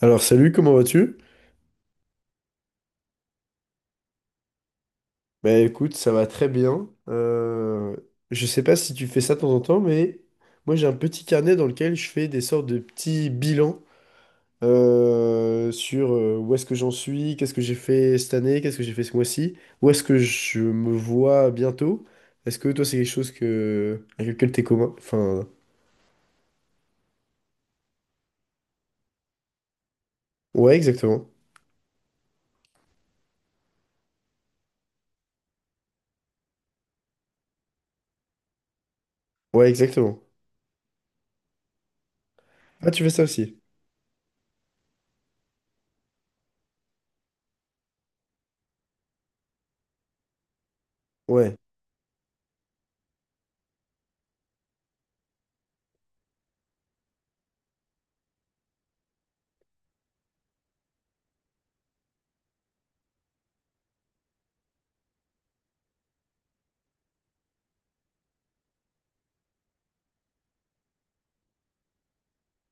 Alors salut, comment vas-tu? Bah écoute, ça va très bien. Je sais pas si tu fais ça de temps en temps, mais moi j'ai un petit carnet dans lequel je fais des sortes de petits bilans sur où est-ce que j'en suis, qu'est-ce que j'ai fait cette année, qu'est-ce que j'ai fait ce mois-ci, où est-ce que je me vois bientôt. Est-ce que toi c'est quelque chose que avec lequel t'es commun? Enfin, ouais, exactement. Ouais, exactement. Ah, tu fais ça aussi? Ouais.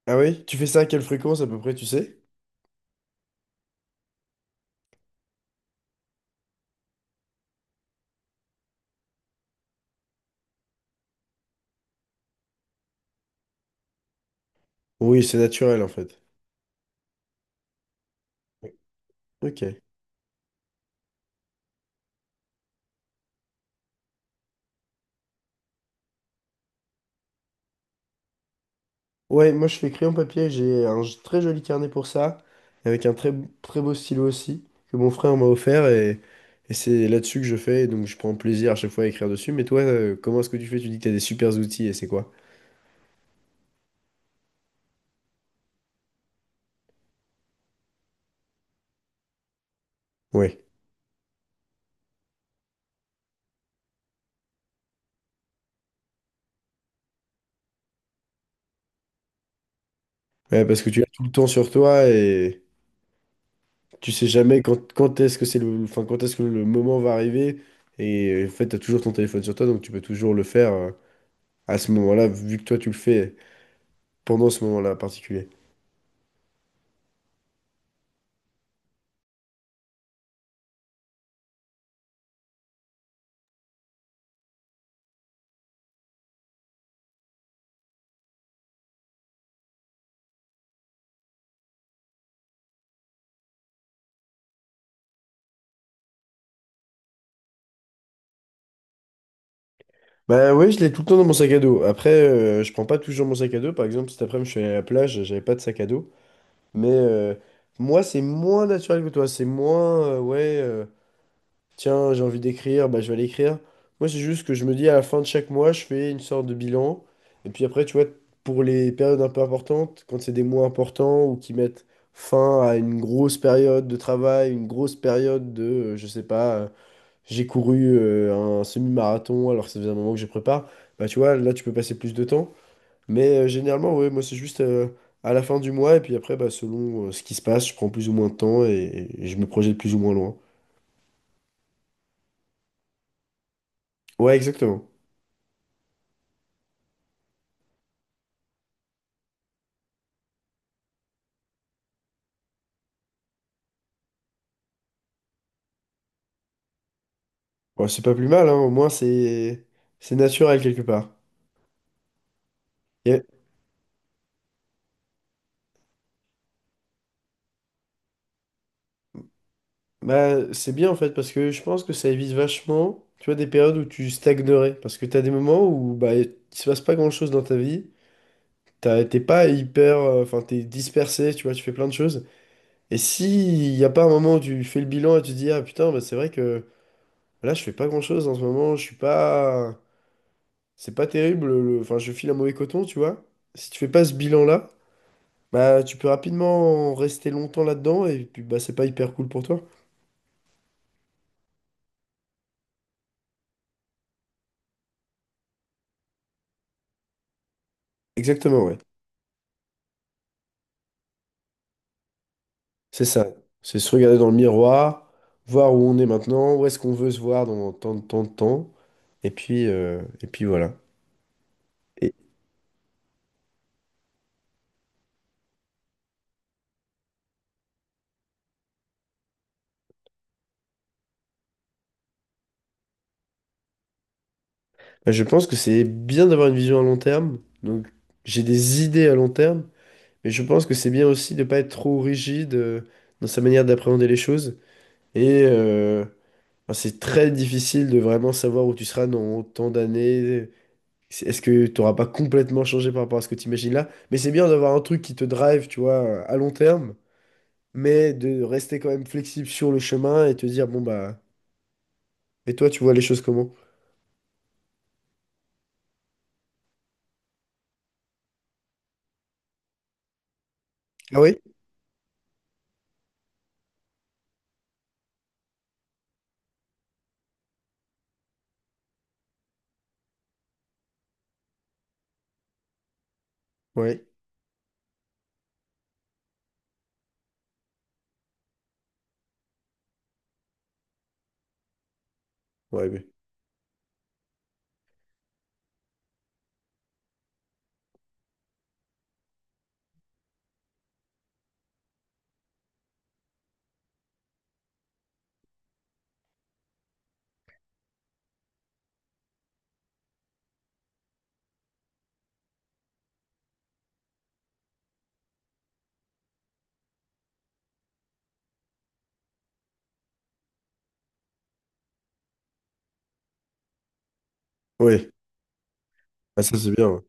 Ah oui? Tu fais ça à quelle fréquence à peu près, tu sais? Oui, c'est naturel en fait. Ok. Ouais, moi je fais crayon papier, j'ai un très joli carnet pour ça, avec un très, très beau stylo aussi, que mon frère m'a offert, et c'est là-dessus que je fais, et donc je prends plaisir à chaque fois à écrire dessus. Mais toi, comment est-ce que tu fais? Tu dis que t'as des super outils, et c'est quoi? Ouais. Ouais, parce que tu as tout le temps sur toi, et tu sais jamais quand est-ce que c'est le, enfin, quand est-ce que le moment va arriver, et en fait, t'as toujours ton téléphone sur toi, donc tu peux toujours le faire à ce moment-là, vu que toi tu le fais pendant ce moment-là particulier. Bah ouais, je l'ai tout le temps dans mon sac à dos. Après, je prends pas toujours mon sac à dos. Par exemple, cet après-midi, je suis allé à la plage, j'avais pas de sac à dos. Mais moi, c'est moins naturel que toi. C'est moins, ouais, tiens, j'ai envie d'écrire, bah je vais l'écrire. Moi, c'est juste que je me dis à la fin de chaque mois, je fais une sorte de bilan. Et puis après, tu vois, pour les périodes un peu importantes, quand c'est des mois importants ou qui mettent fin à une grosse période de travail, une grosse période de, je sais pas. J'ai couru un semi-marathon alors que ça faisait un moment que je prépare, bah tu vois, là tu peux passer plus de temps. Mais généralement, ouais, moi c'est juste à la fin du mois et puis après, bah, selon ce qui se passe, je prends plus ou moins de temps et je me projette plus ou moins loin. Ouais, exactement. Bon, c'est pas plus mal, hein, au moins c'est naturel quelque part. Et, bah, c'est bien en fait parce que je pense que ça évite vachement, tu vois, des périodes où tu stagnerais. Parce que t'as des moments où bah, il se passe pas grand-chose dans ta vie. T'es pas hyper, enfin, t'es dispersé, tu vois, tu fais plein de choses. Et si il n'y a pas un moment où tu fais le bilan et tu te dis, ah putain, bah, c'est vrai que là, je fais pas grand-chose en ce moment, je suis pas. C'est pas terrible, enfin, je file un mauvais coton, tu vois. Si tu fais pas ce bilan-là, bah, tu peux rapidement rester longtemps là-dedans et puis, bah, c'est pas hyper cool pour toi. Exactement, ouais. C'est ça. C'est se regarder dans le miroir, voir où on est maintenant, où est-ce qu'on veut se voir dans tant de temps, et puis voilà. Et bah, je pense que c'est bien d'avoir une vision à long terme, donc j'ai des idées à long terme. Mais je pense que c'est bien aussi de ne pas être trop rigide dans sa manière d'appréhender les choses. Et enfin, c'est très difficile de vraiment savoir où tu seras dans tant d'années. Est-ce que tu n'auras pas complètement changé par rapport à ce que tu imagines là? Mais c'est bien d'avoir un truc qui te drive, tu vois, à long terme, mais de rester quand même flexible sur le chemin et te dire, bon bah, et toi, tu vois les choses comment? Ah oui? Ouais. Ouais, ouais. Ouais. Ah, ça, c'est bien.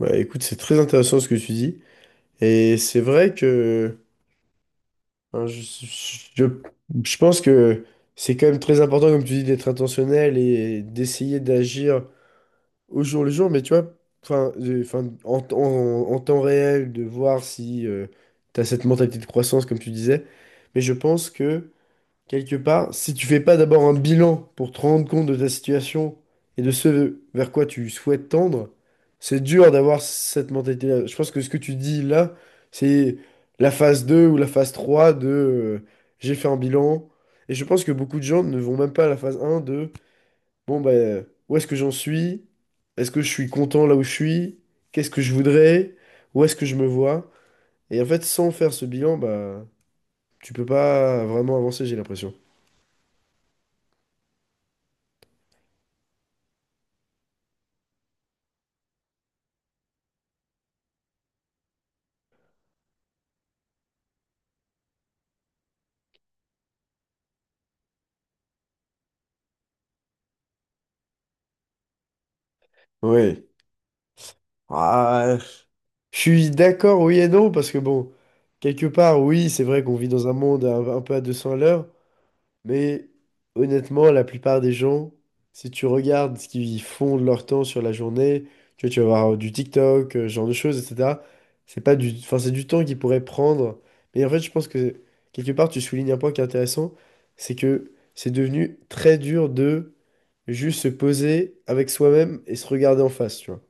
Ouais, bah, écoute, c'est très intéressant ce que tu dis. Et c'est vrai que. Hein, je, je pense que c'est quand même très important, comme tu dis, d'être intentionnel et d'essayer d'agir au jour le jour, mais tu vois, enfin, enfin, en temps réel, de voir si tu as cette mentalité de croissance, comme tu disais. Mais je pense que quelque part, si tu fais pas d'abord un bilan pour te rendre compte de ta situation et de ce vers quoi tu souhaites tendre, c'est dur d'avoir cette mentalité-là. Je pense que ce que tu dis là, c'est la phase 2 ou la phase 3 de j'ai fait un bilan. Et je pense que beaucoup de gens ne vont même pas à la phase un de bon, bah, où est-ce que j'en suis? Est-ce que je suis content là où je suis? Qu'est-ce que je voudrais? Où est-ce que je me vois? Et en fait, sans faire ce bilan, bah, tu peux pas vraiment avancer, j'ai l'impression. Ouais. Ah, je suis d'accord, oui et non, parce que bon, quelque part, oui, c'est vrai qu'on vit dans un monde un peu à 200 à l'heure, mais honnêtement, la plupart des gens, si tu regardes ce qu'ils font de leur temps sur la journée, tu vois, tu vas voir du TikTok, ce genre de choses, etc. C'est pas du, enfin, c'est du temps qu'ils pourraient prendre. Mais en fait, je pense que quelque part, tu soulignes un point qui est intéressant, c'est que c'est devenu très dur de juste se poser avec soi-même et se regarder en face, tu vois.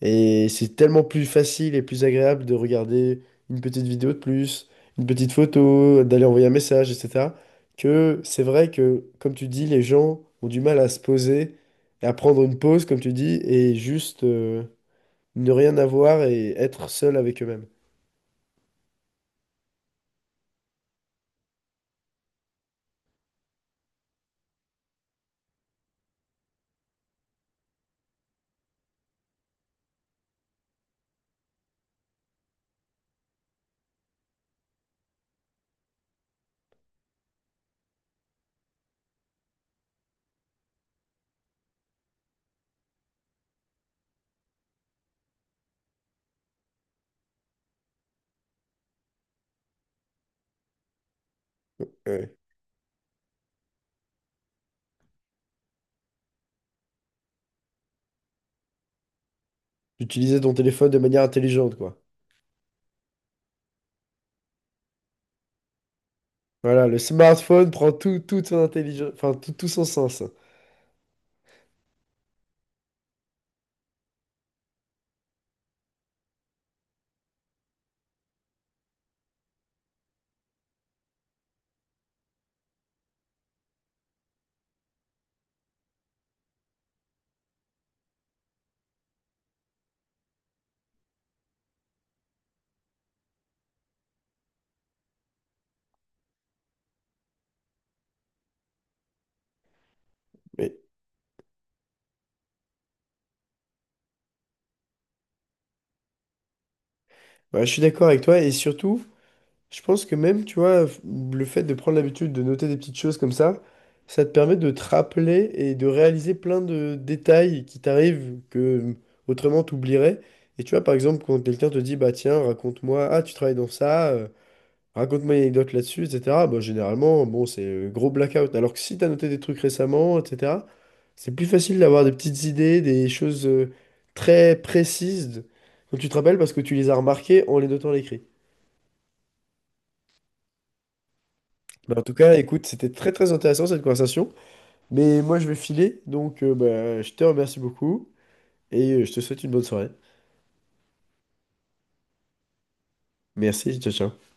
Et c'est tellement plus facile et plus agréable de regarder une petite vidéo de plus, une petite photo, d'aller envoyer un message, etc. Que c'est vrai que, comme tu dis, les gens ont du mal à se poser et à prendre une pause, comme tu dis, et juste ne rien avoir et être seul avec eux-mêmes. Ouais. D'utiliser ton téléphone de manière intelligente, quoi. Voilà, le smartphone prend tout, toute son intelligence, enfin tout, tout, son sens. Mais bah, je suis d'accord avec toi et surtout. Je pense que même, tu vois, le fait de prendre l'habitude de noter des petites choses comme ça te permet de te rappeler et de réaliser plein de détails qui t'arrivent que autrement t'oublierais. Et tu vois, par exemple, quand quelqu'un te dit, bah tiens, raconte-moi, ah, tu travailles dans ça, raconte-moi une anecdote là-dessus, etc. Bah, généralement, bon, c'est gros blackout. Alors que si t'as noté des trucs récemment, etc., c'est plus facile d'avoir des petites idées, des choses très précises dont tu te rappelles parce que tu les as remarquées en les notant à l'écrit. Bah, en tout cas, écoute, c'était très très intéressant cette conversation. Mais moi, je vais filer, donc bah, je te remercie beaucoup et je te souhaite une bonne soirée. Merci, ciao ciao.